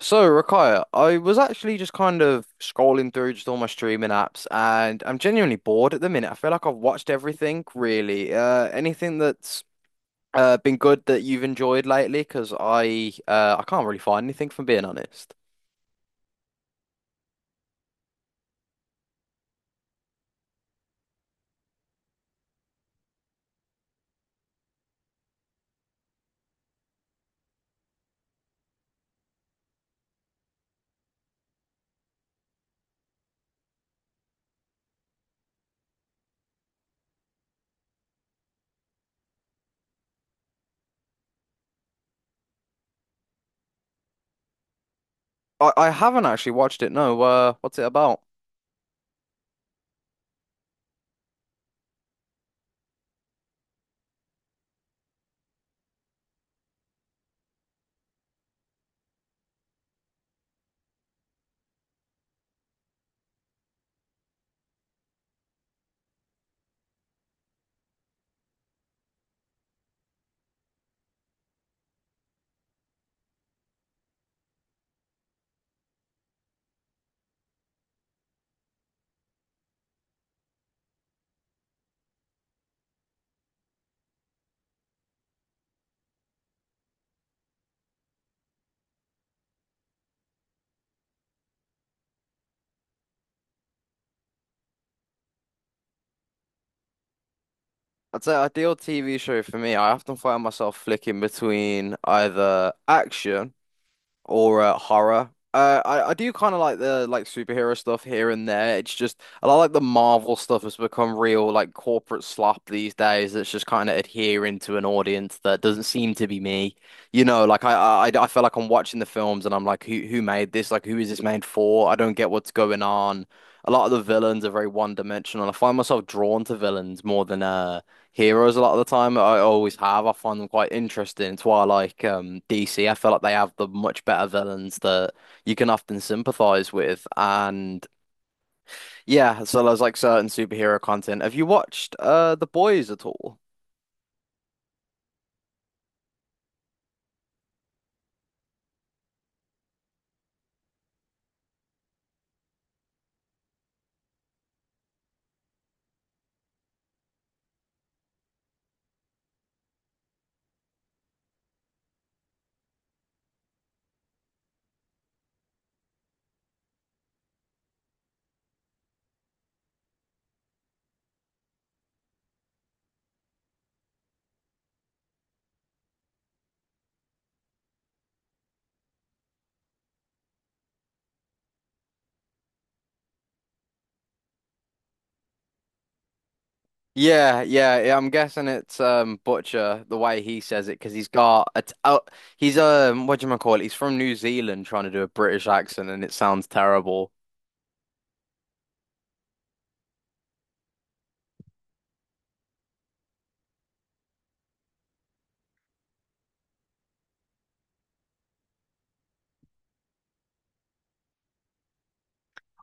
So, Rakaya, I was actually just kind of scrolling through just all my streaming apps, and I'm genuinely bored at the minute. I feel like I've watched everything, really. Anything that's been good that you've enjoyed lately? Because I can't really find anything, from being honest. I haven't actually watched it. No, what's it about? I'd say ideal TV show for me, I often find myself flicking between either action or horror. I do kind of like the like superhero stuff here and there. It's just I like the Marvel stuff has become real like corporate slop these days. That's just kind of adhering to an audience that doesn't seem to be me. You know, like I feel like I'm watching the films and I'm like, who made this? Like, who is this made for? I don't get what's going on. A lot of the villains are very one-dimensional. I find myself drawn to villains more than heroes a lot of the time. I always have. I find them quite interesting. It's why I like DC. I feel like they have the much better villains that you can often sympathize with. And yeah, so there's like certain superhero content. Have you watched The Boys at all? Yeah, yeah, yeah, I'm guessing it's Butcher the way he says it because he's got it's out. He's what do you call it? He's from New Zealand trying to do a British accent and it sounds terrible.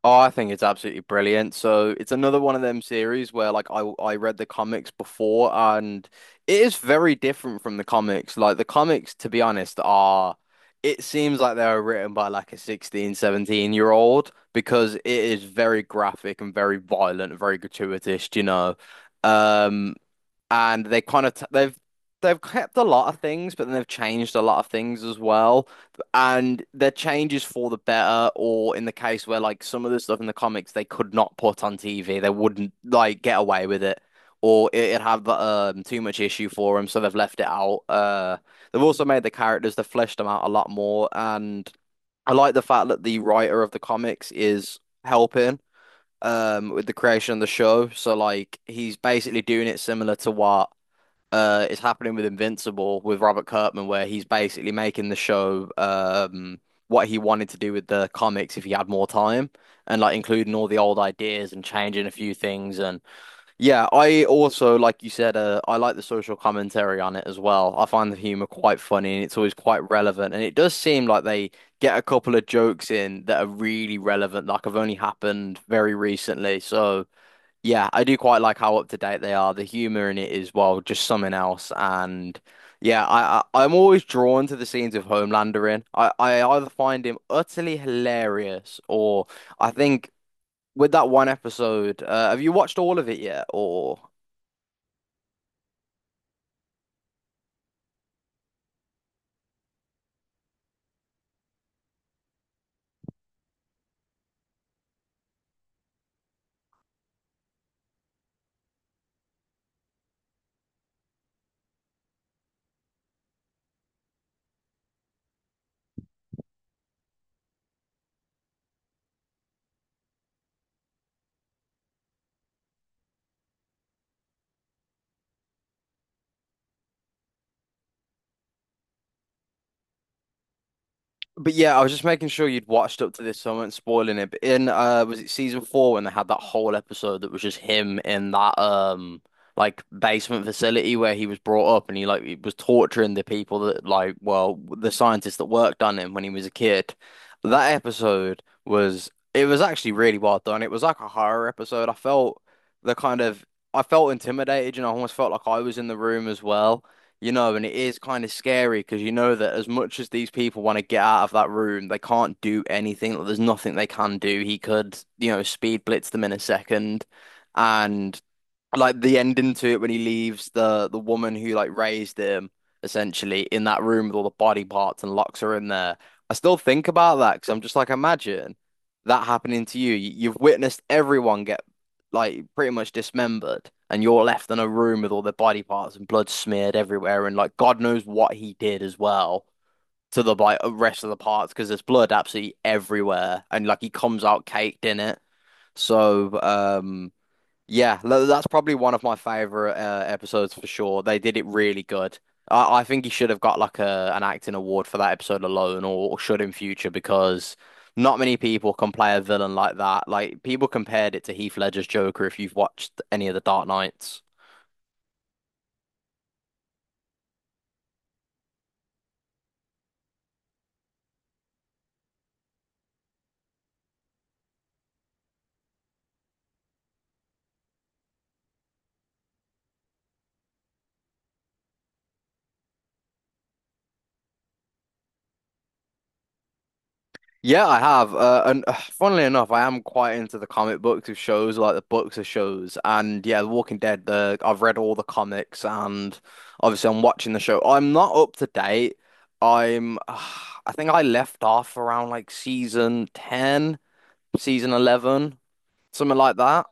Oh, I think it's absolutely brilliant. So it's another one of them series where like I read the comics before and it is very different from the comics. Like the comics, to be honest, are it seems like they were written by like a 1617 year old because it is very graphic and very violent and very gratuitous, you know. Um and they kind of t they've kept a lot of things, but then they've changed a lot of things as well. And their changes for the better, or in the case where like some of the stuff in the comics they could not put on TV, they wouldn't like get away with it, or it'd have too much issue for them, so they've left it out. They've also made the characters, they've fleshed them out a lot more, and I like the fact that the writer of the comics is helping. With the creation of the show, so like he's basically doing it similar to what is happening with Invincible with Robert Kirkman, where he's basically making the show what he wanted to do with the comics if he had more time, and like including all the old ideas and changing a few things. And yeah, I also, like you said, I like the social commentary on it as well. I find the humor quite funny, and it's always quite relevant. And it does seem like they get a couple of jokes in that are really relevant, like have only happened very recently. So. Yeah, I do quite like how up to date they are. The humor in it is, well, just something else. And yeah, I'm always drawn to the scenes of Homelander in. I either find him utterly hilarious or I think with that one episode, have you watched all of it yet? Or but yeah, I was just making sure you'd watched up to this, so I wasn't spoiling it. But in was it season four when they had that whole episode that was just him in that like basement facility where he was brought up and he was torturing the people that like well the scientists that worked on him when he was a kid. That episode was it was actually really well done. It was like a horror episode. I felt the kind of I felt intimidated, you know, I almost felt like I was in the room as well. You know, and it is kind of scary because you know that as much as these people want to get out of that room, they can't do anything. Like, there's nothing they can do. He could, you know, speed blitz them in a second. And like the ending to it when he leaves the woman who like raised him essentially in that room with all the body parts and locks her in there. I still think about that because I'm just like, imagine that happening to you. You've witnessed everyone get like pretty much dismembered, and you're left in a room with all their body parts and blood smeared everywhere, and like God knows what he did as well. To the like rest of the parts because there's blood absolutely everywhere, and like he comes out caked in it. So, yeah, that's probably one of my favorite episodes for sure. They did it really good. I think he should have got like a an acting award for that episode alone, or should in future, because not many people can play a villain like that. Like people compared it to Heath Ledger's Joker if you've watched any of the Dark Knights. Yeah, I have. And Funnily enough, I am quite into the comic books of shows, like the books of shows. And yeah, The Walking Dead, the I've read all the comics and obviously I'm watching the show. I'm not up to date. I'm I think I left off around like season 10, season 11, something like that.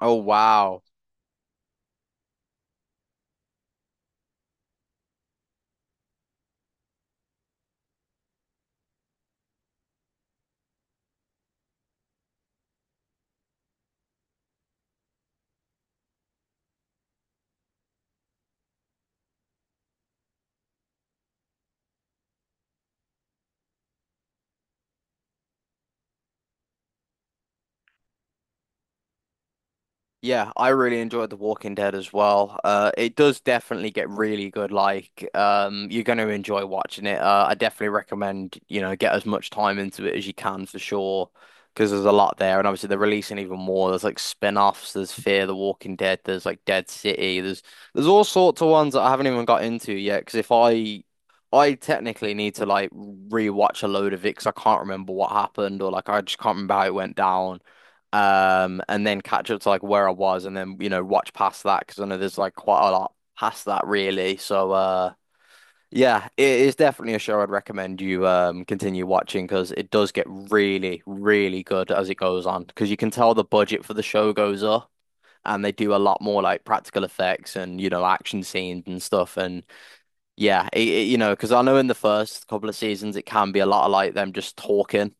Oh wow. Yeah, I really enjoyed The Walking Dead as well. It does definitely get really good. Like, you're going to enjoy watching it. I definitely recommend, you know, get as much time into it as you can for sure, because there's a lot there, and obviously they're releasing even more. There's like spin-offs. There's Fear the Walking Dead. There's like Dead City. There's all sorts of ones that I haven't even got into yet. Because if I I technically need to like rewatch a load of it because I can't remember what happened or like I just can't remember how it went down and then catch up to like where I was, and then you know watch past that because I know there's like quite a lot past that really. So yeah, it is definitely a show I'd recommend you continue watching because it does get really, really good as it goes on because you can tell the budget for the show goes up. And they do a lot more like practical effects and you know action scenes and stuff and yeah you know because I know in the first couple of seasons it can be a lot of like them just talking.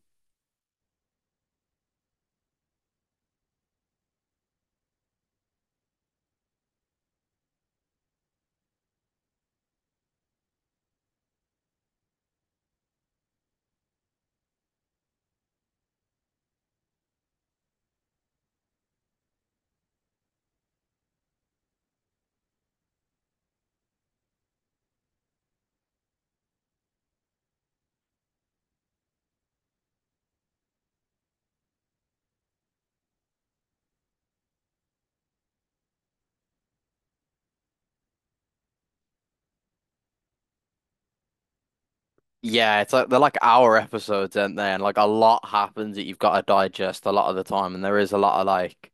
Yeah, it's like they're like hour episodes, aren't they? And like a lot happens that you've got to digest a lot of the time, and there is a lot of like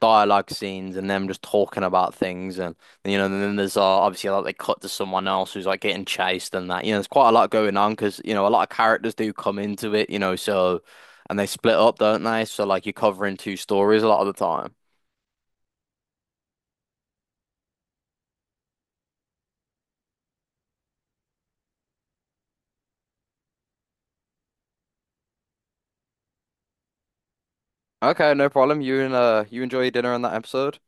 dialogue scenes and them just talking about things, and you know, and then there's obviously like they cut to someone else who's like getting chased and that. You know, there's quite a lot going on because you know a lot of characters do come into it, you know, so and they split up, don't they? So like you're covering two stories a lot of the time. Okay, no problem. You and you enjoy your dinner on that episode.